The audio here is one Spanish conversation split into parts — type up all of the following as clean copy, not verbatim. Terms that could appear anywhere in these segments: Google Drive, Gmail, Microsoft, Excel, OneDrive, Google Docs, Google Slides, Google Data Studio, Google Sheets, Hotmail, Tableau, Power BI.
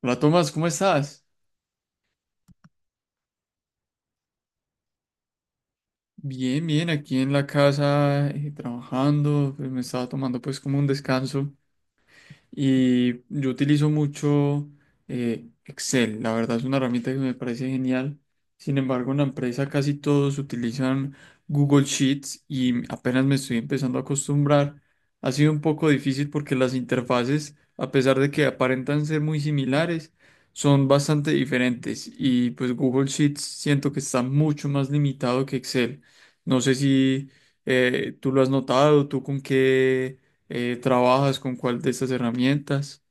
Hola Tomás, ¿cómo estás? Bien, bien, aquí en la casa trabajando, pues me estaba tomando pues como un descanso. Y yo utilizo mucho Excel, la verdad es una herramienta que me parece genial. Sin embargo, en la empresa casi todos utilizan Google Sheets y apenas me estoy empezando a acostumbrar. Ha sido un poco difícil porque las interfaces, a pesar de que aparentan ser muy similares, son bastante diferentes. Y pues Google Sheets siento que está mucho más limitado que Excel. No sé si tú lo has notado, tú con qué ¿trabajas con cuál de estas herramientas?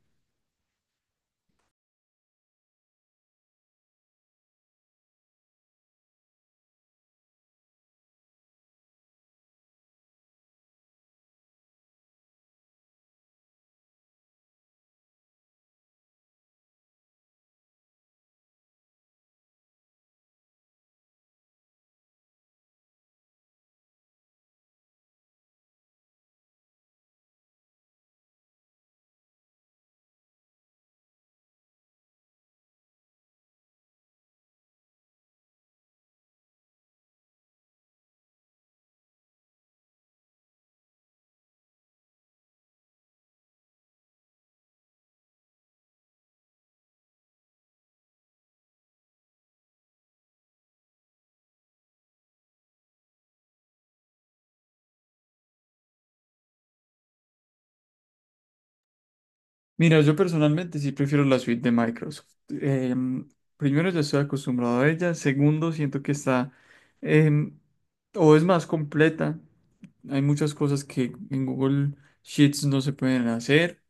Mira, yo personalmente sí prefiero la suite de Microsoft. Primero, ya estoy acostumbrado a ella. Segundo, siento que está em, o es más completa. Hay muchas cosas que en Google Sheets no se pueden hacer.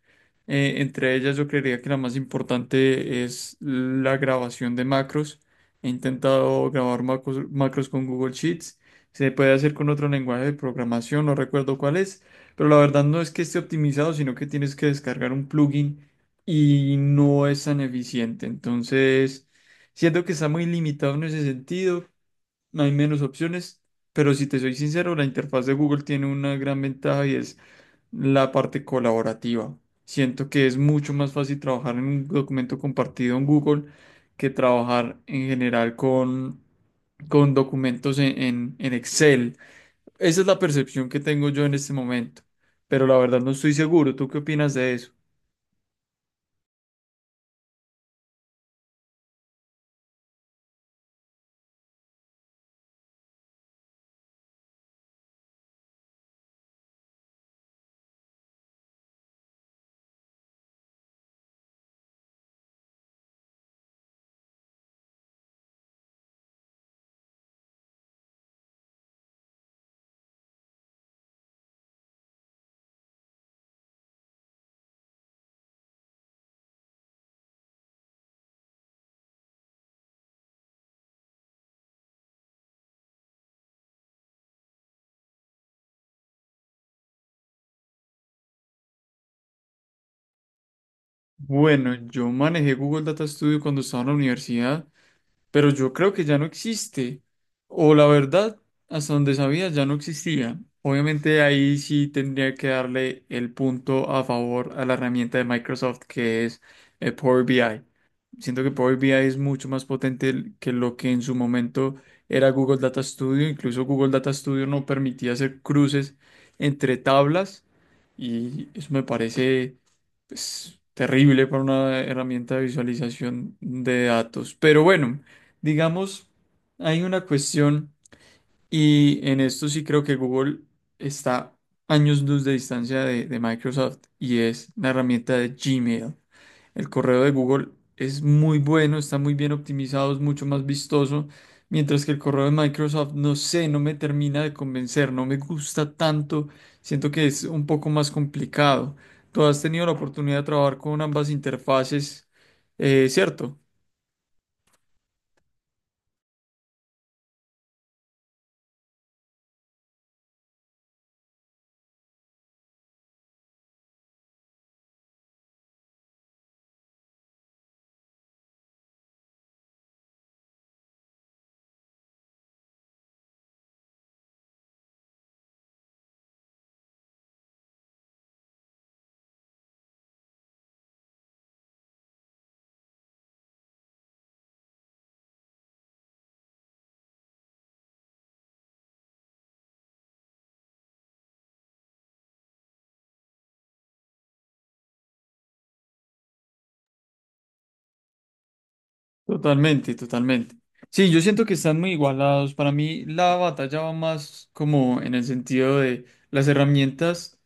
Entre ellas yo creería que la más importante es la grabación de macros. He intentado grabar macros con Google Sheets. Se puede hacer con otro lenguaje de programación, no recuerdo cuál es, pero la verdad no es que esté optimizado, sino que tienes que descargar un plugin y no es tan eficiente. Entonces, siento que está muy limitado en ese sentido, hay menos opciones, pero si te soy sincero, la interfaz de Google tiene una gran ventaja y es la parte colaborativa. Siento que es mucho más fácil trabajar en un documento compartido en Google que trabajar en general con documentos en Excel. Esa es la percepción que tengo yo en este momento, pero la verdad no estoy seguro. ¿Tú qué opinas de eso? Bueno, yo manejé Google Data Studio cuando estaba en la universidad, pero yo creo que ya no existe. O la verdad, hasta donde sabía, ya no existía. Obviamente ahí sí tendría que darle el punto a favor a la herramienta de Microsoft que es Power BI. Siento que Power BI es mucho más potente que lo que en su momento era Google Data Studio. Incluso Google Data Studio no permitía hacer cruces entre tablas y eso me parece pues, terrible para una herramienta de visualización de datos. Pero bueno. Digamos, hay una cuestión y en esto sí creo que Google está años luz de distancia de Microsoft y es la herramienta de Gmail. El correo de Google es muy bueno, está muy bien optimizado, es mucho más vistoso, mientras que el correo de Microsoft, no sé, no me termina de convencer, no me gusta tanto, siento que es un poco más complicado. ¿Tú has tenido la oportunidad de trabajar con ambas interfaces, cierto? Totalmente, totalmente. Sí, yo siento que están muy igualados. Para mí la batalla va más como en el sentido de las herramientas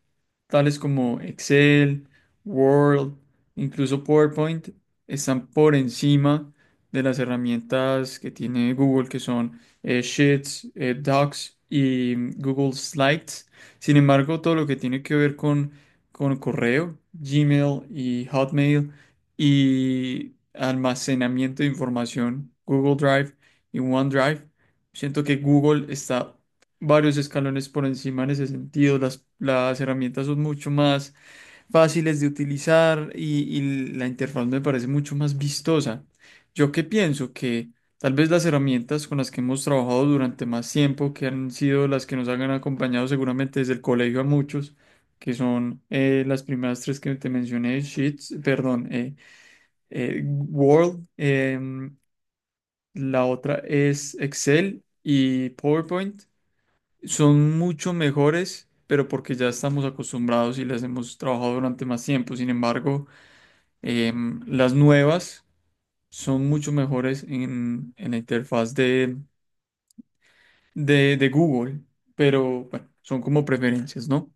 tales como Excel, Word, incluso PowerPoint, están por encima de las herramientas que tiene Google, que son Sheets, Docs y Google Slides. Sin embargo, todo lo que tiene que ver con correo, Gmail y Hotmail y almacenamiento de información, Google Drive y OneDrive. Siento que Google está varios escalones por encima en ese sentido. Las herramientas son mucho más fáciles de utilizar y la interfaz me parece mucho más vistosa. Yo que pienso que tal vez las herramientas con las que hemos trabajado durante más tiempo, que han sido las que nos han acompañado seguramente desde el colegio a muchos, que son las primeras tres que te mencioné, Sheets, perdón, eh, Word, la otra es Excel y PowerPoint. Son mucho mejores, pero porque ya estamos acostumbrados y las hemos trabajado durante más tiempo. Sin embargo, las nuevas son mucho mejores en la interfaz de Google, pero bueno, son como preferencias, ¿no?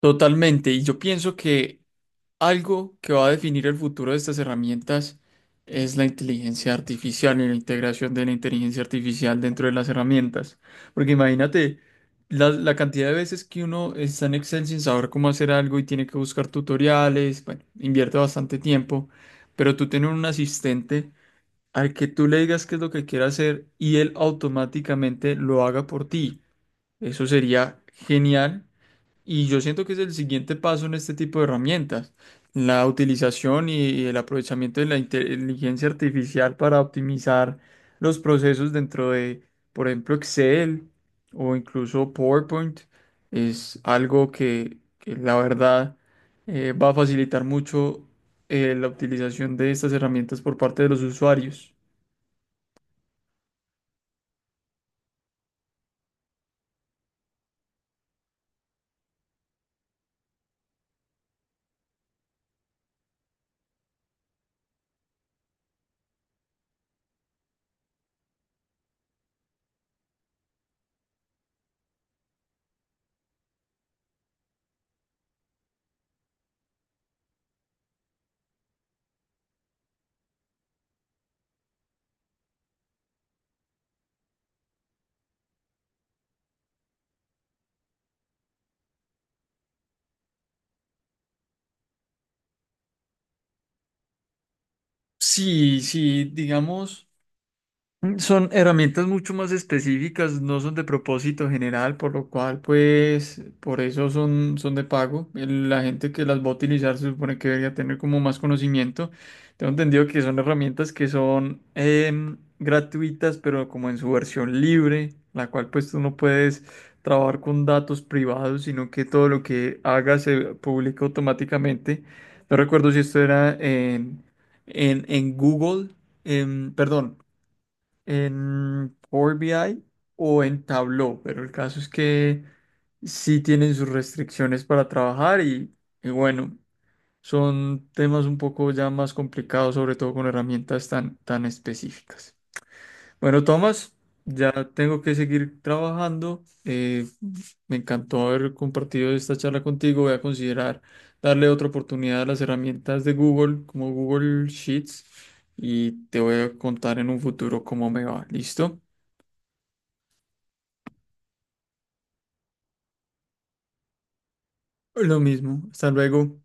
Totalmente. Y yo pienso que algo que va a definir el futuro de estas herramientas es la inteligencia artificial y la integración de la inteligencia artificial dentro de las herramientas. Porque imagínate la cantidad de veces que uno está en Excel sin saber cómo hacer algo y tiene que buscar tutoriales, bueno, invierte bastante tiempo, pero tú tienes un asistente al que tú le digas qué es lo que quiere hacer y él automáticamente lo haga por ti. Eso sería genial y yo siento que es el siguiente paso en este tipo de herramientas, la utilización y el aprovechamiento de la inteligencia artificial para optimizar los procesos dentro de, por ejemplo, Excel o incluso PowerPoint, es algo que la verdad va a facilitar mucho la utilización de estas herramientas por parte de los usuarios. Sí, sí, digamos. Son herramientas mucho más específicas, no son de propósito general, por lo cual, pues, por eso son de pago. El- La gente que las va a utilizar se supone que debería tener como más conocimiento. Tengo entendido que son herramientas que son gratuitas, pero como en su versión libre, la cual pues tú no puedes trabajar con datos privados, sino que todo lo que hagas se publica automáticamente. No recuerdo si esto era en Google, perdón en Power BI o en Tableau, pero el caso es que sí tienen sus restricciones para trabajar y bueno, son temas un poco ya más complicados, sobre todo con herramientas tan específicas. Bueno, Tomás, ya tengo que seguir trabajando. Me encantó haber compartido esta charla contigo. Voy a considerar darle otra oportunidad a las herramientas de Google, como Google Sheets, y te voy a contar en un futuro cómo me va. ¿Listo? Lo mismo. Hasta luego.